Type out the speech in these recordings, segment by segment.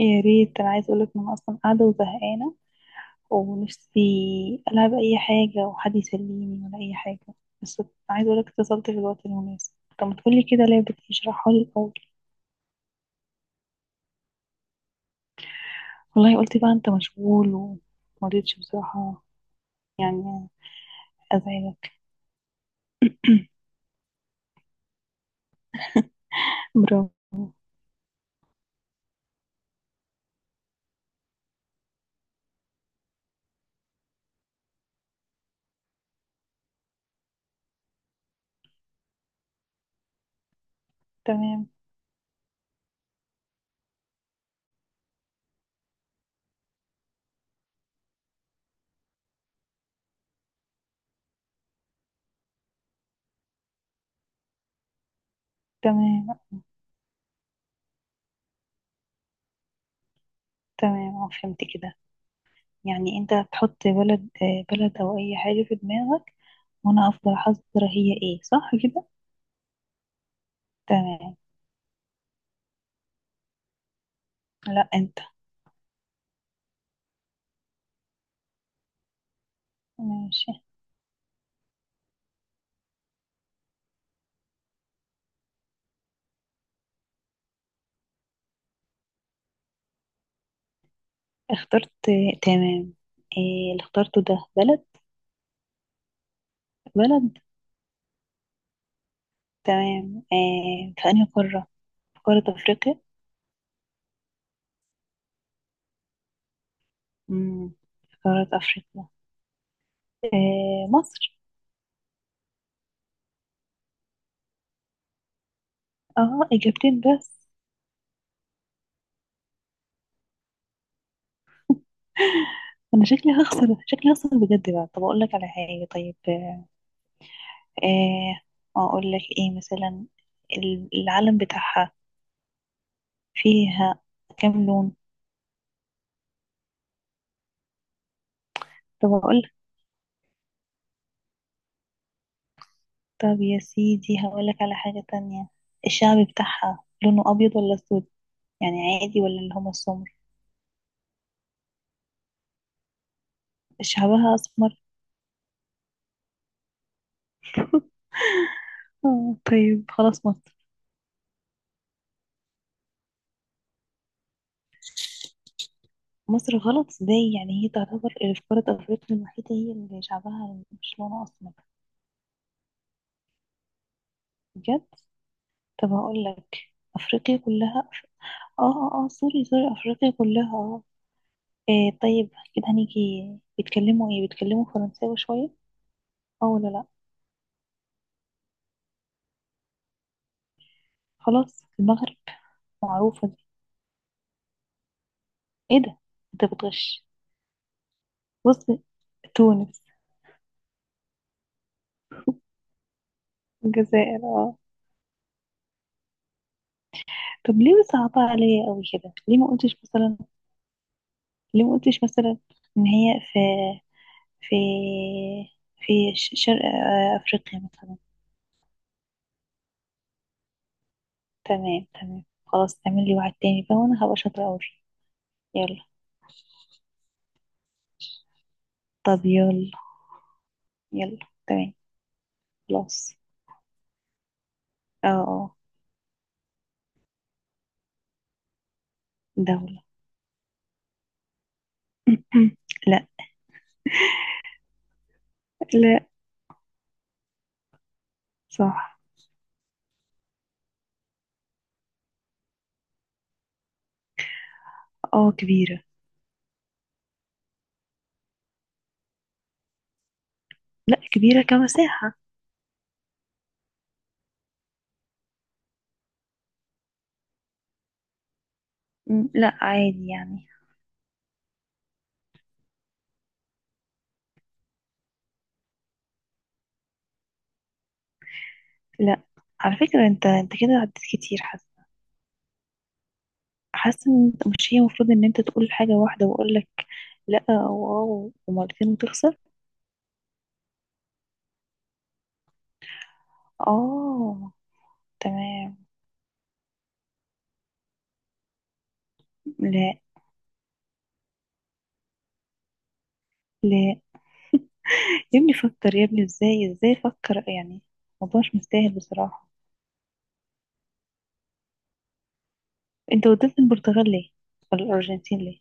يا ريت، انا عايز اقولك ان انا اصلا قاعده وزهقانه، ونفسي العب اي حاجه وحد يسليني ولا اي حاجه بس. عايز اقولك اتصلت في الوقت المناسب. طب ما تقولي كده لعبه إيه؟ اشرحها لي الاول. والله قلت بقى انت مشغول، ومرضتش بصراحه، يعني ازعلك. برافو. تمام، تمام، تمام، آه، فهمت كده. يعني انت هتحط بلد او اي حاجه في دماغك، وانا افضل احذر. هي ايه صح كده؟ تمام، لا انت. ماشي. اخترت، تمام. إيه اللي اخترته ده؟ بلد؟ بلد. تمام، إيه في أنهي قارة؟ في قارة أفريقيا. مم. في قارة أفريقيا. إيه، مصر؟ اه، إجابتين بس. أنا شكلي هخسر، شكلي هخسر بجد بقى. طب أقول لك على حاجة؟ طيب إيه أقول لك، إيه مثلا؟ العلم بتاعها، فيها كام لون؟ طب أقول لك. طب يا سيدي هقول لك على حاجة تانية. الشعب بتاعها لونه أبيض ولا أسود، يعني عادي ولا اللي هم السمر؟ شعبها اسمر؟ آه، طيب خلاص، مصر. مصر غلط؟ ازاي؟ يعني هي تعتبر اللي في قارة افريقيا الوحيدة هي اللي شعبها مش لونه اسمر؟ بجد. طب هقول لك. افريقيا كلها اه، اه، اه، سوري، سوري، افريقيا كلها اه. إيه طيب، كده هنيجي. بيتكلموا ايه؟ بيتكلموا فرنساوي شوية، اه ولا لا؟ خلاص، المغرب. معروفة دي. ايه ده؟ انت بتغش. بص، تونس. الجزائر، اه. طب ليه صعبة عليا قوي كده؟ ليه ما قلتش مثلا، ليه ما قلتش مثلا ان هي في في شرق افريقيا مثلا. تمام، تمام، خلاص تعمل لي واحد تاني بقى، وانا هبقى شاطرة قوي فيه. يلا. طب يلا. يلا، تمام. خلاص. اه، اه. دولة. لا. لا. صح. اه، كبيرة. لا كبيرة كمساحة. م، لا عادي يعني. لا. على فكرة انت كده عديت كتير. حاسه ان مش هي المفروض ان انت تقول حاجه واحده واقول لك لا، او ومرتين وتخسر. اه، تمام. لا. لا. يا ابني فكر، يا ابني ازاي، ازاي فكر يعني. الموضوع مش مستاهل بصراحه. انت وديت البرتغال ليه؟ ولا الارجنتين ليه؟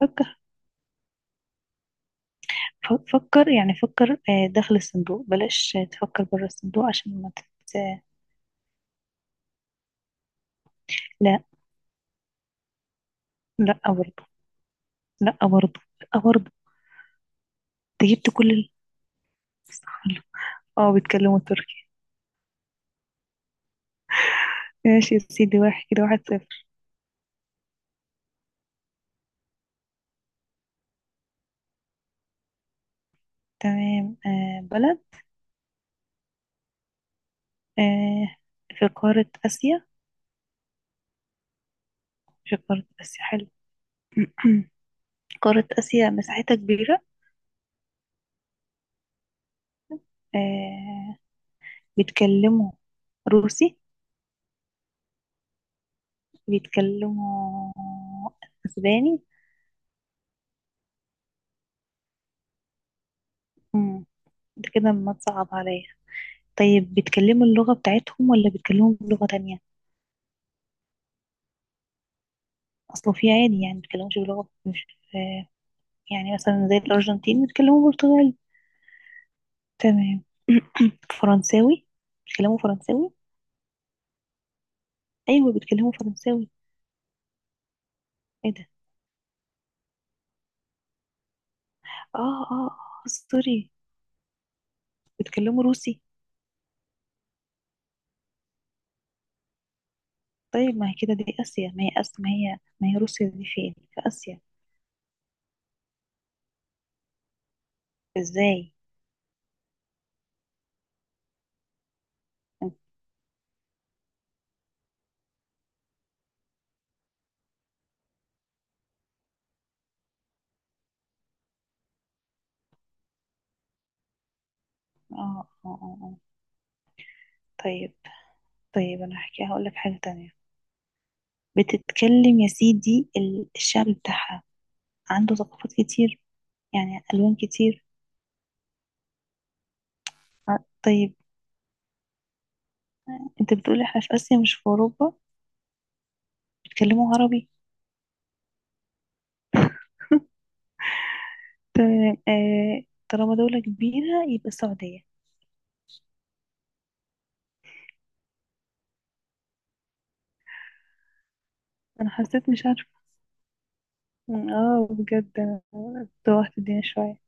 فكر. فكر يعني، فكر داخل الصندوق، بلاش تفكر بره الصندوق، عشان ما تت... آه، لا. لا برضه. لا برضه. لا برضه. انت جبت كل صح، اه بيتكلموا تركي. ماشي يا سيدي، واحد كده، 1-0. تمام، آه، بلد. آه. في قارة آسيا. في قارة آسيا، حلو. قارة آسيا مساحتها كبيرة. آه. بيتكلموا روسي؟ بيتكلموا أسباني؟ مم، ده كده ما تصعب عليا. طيب بيتكلموا اللغة بتاعتهم ولا بيتكلموا بلغة تانية؟ أصله في عادي يعني بيتكلموش بلغة مش آه يعني مثلا زي الأرجنتين بيتكلموا برتغالي. تمام، فرنساوي. بيتكلموا فرنساوي. أيوة بيتكلموا فرنساوي. ايه ده؟ اه، اه، اه، سوري. بيتكلموا روسي. طيب، ما هي كده دي آسيا، ما هي آسيا، ما هي روسيا دي فين في آسيا؟ ازاي؟ اه، اه، اه، آه. طيب. طيب انا هقول لك حاجة تانية. بتتكلم يا سيدي الشعب بتاعها عنده ثقافات كتير، يعني ألوان كتير. ع- طيب، انت بتقول احنا في آسيا مش في أوروبا. بيتكلموا عربي؟ طيب طالما دولة كبيرة يبقى السعودية. انا حسيت، مش عارفة. اه بجد، أنا توهت الدنيا شوية.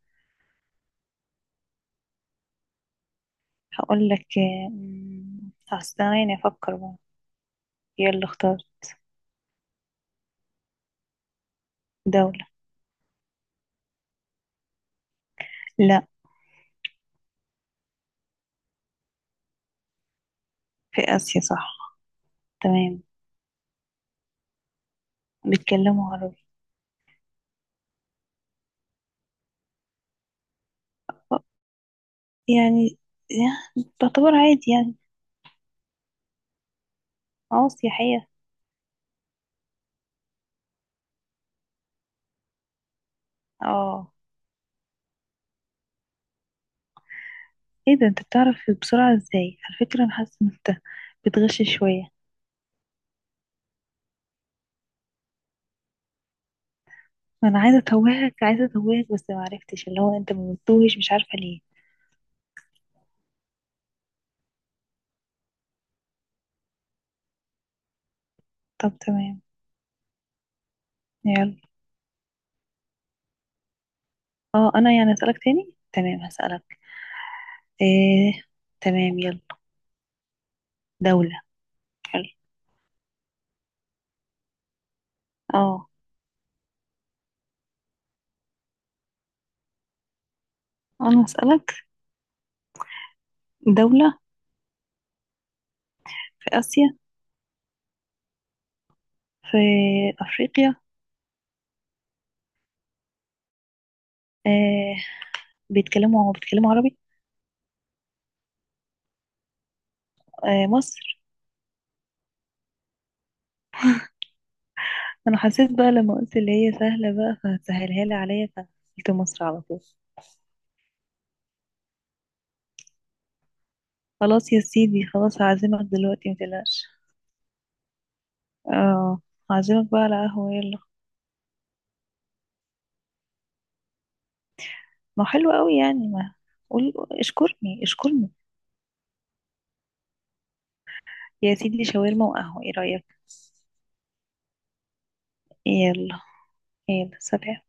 هقول لك أصل ثواني افكر بقى. يلا اختار. دولة. لا. في آسيا، صح. تمام. بيتكلموا عربي. طب، يعني يعني تعتبر عادي يعني. اه سياحية. اه. ايه ده، انت بتعرف بسرعة ازاي؟ على فكرة انا حاسة ان انت بتغش شوية. ما انا عايزة اتوهك، عايزة اتوهك، بس ما عرفتش، اللي هو انت ما بتتوهش مش عارفة ليه. طب تمام. يلا. اه، انا يعني اسألك تاني، تمام، هسألك. ايه، تمام يلا. دولة. حلو. اه. أنا هسألك. دولة. في آسيا؟ في أفريقيا. آه، بيتكلموا عربي. آه، مصر. أنا حسيت بقى لما قلت اللي هي سهلة بقى فهتسهلها لي عليا، فقلت مصر على طول. خلاص يا سيدي، خلاص هعزمك دلوقتي، متقلقش. اه، هعزمك بقى على قهوة، يلا. ما حلو قوي يعني، ما قول، اشكرني اشكرني. يا سيدي شاورما وقهوة، ايه رأيك؟ يلا. يلا، سلام.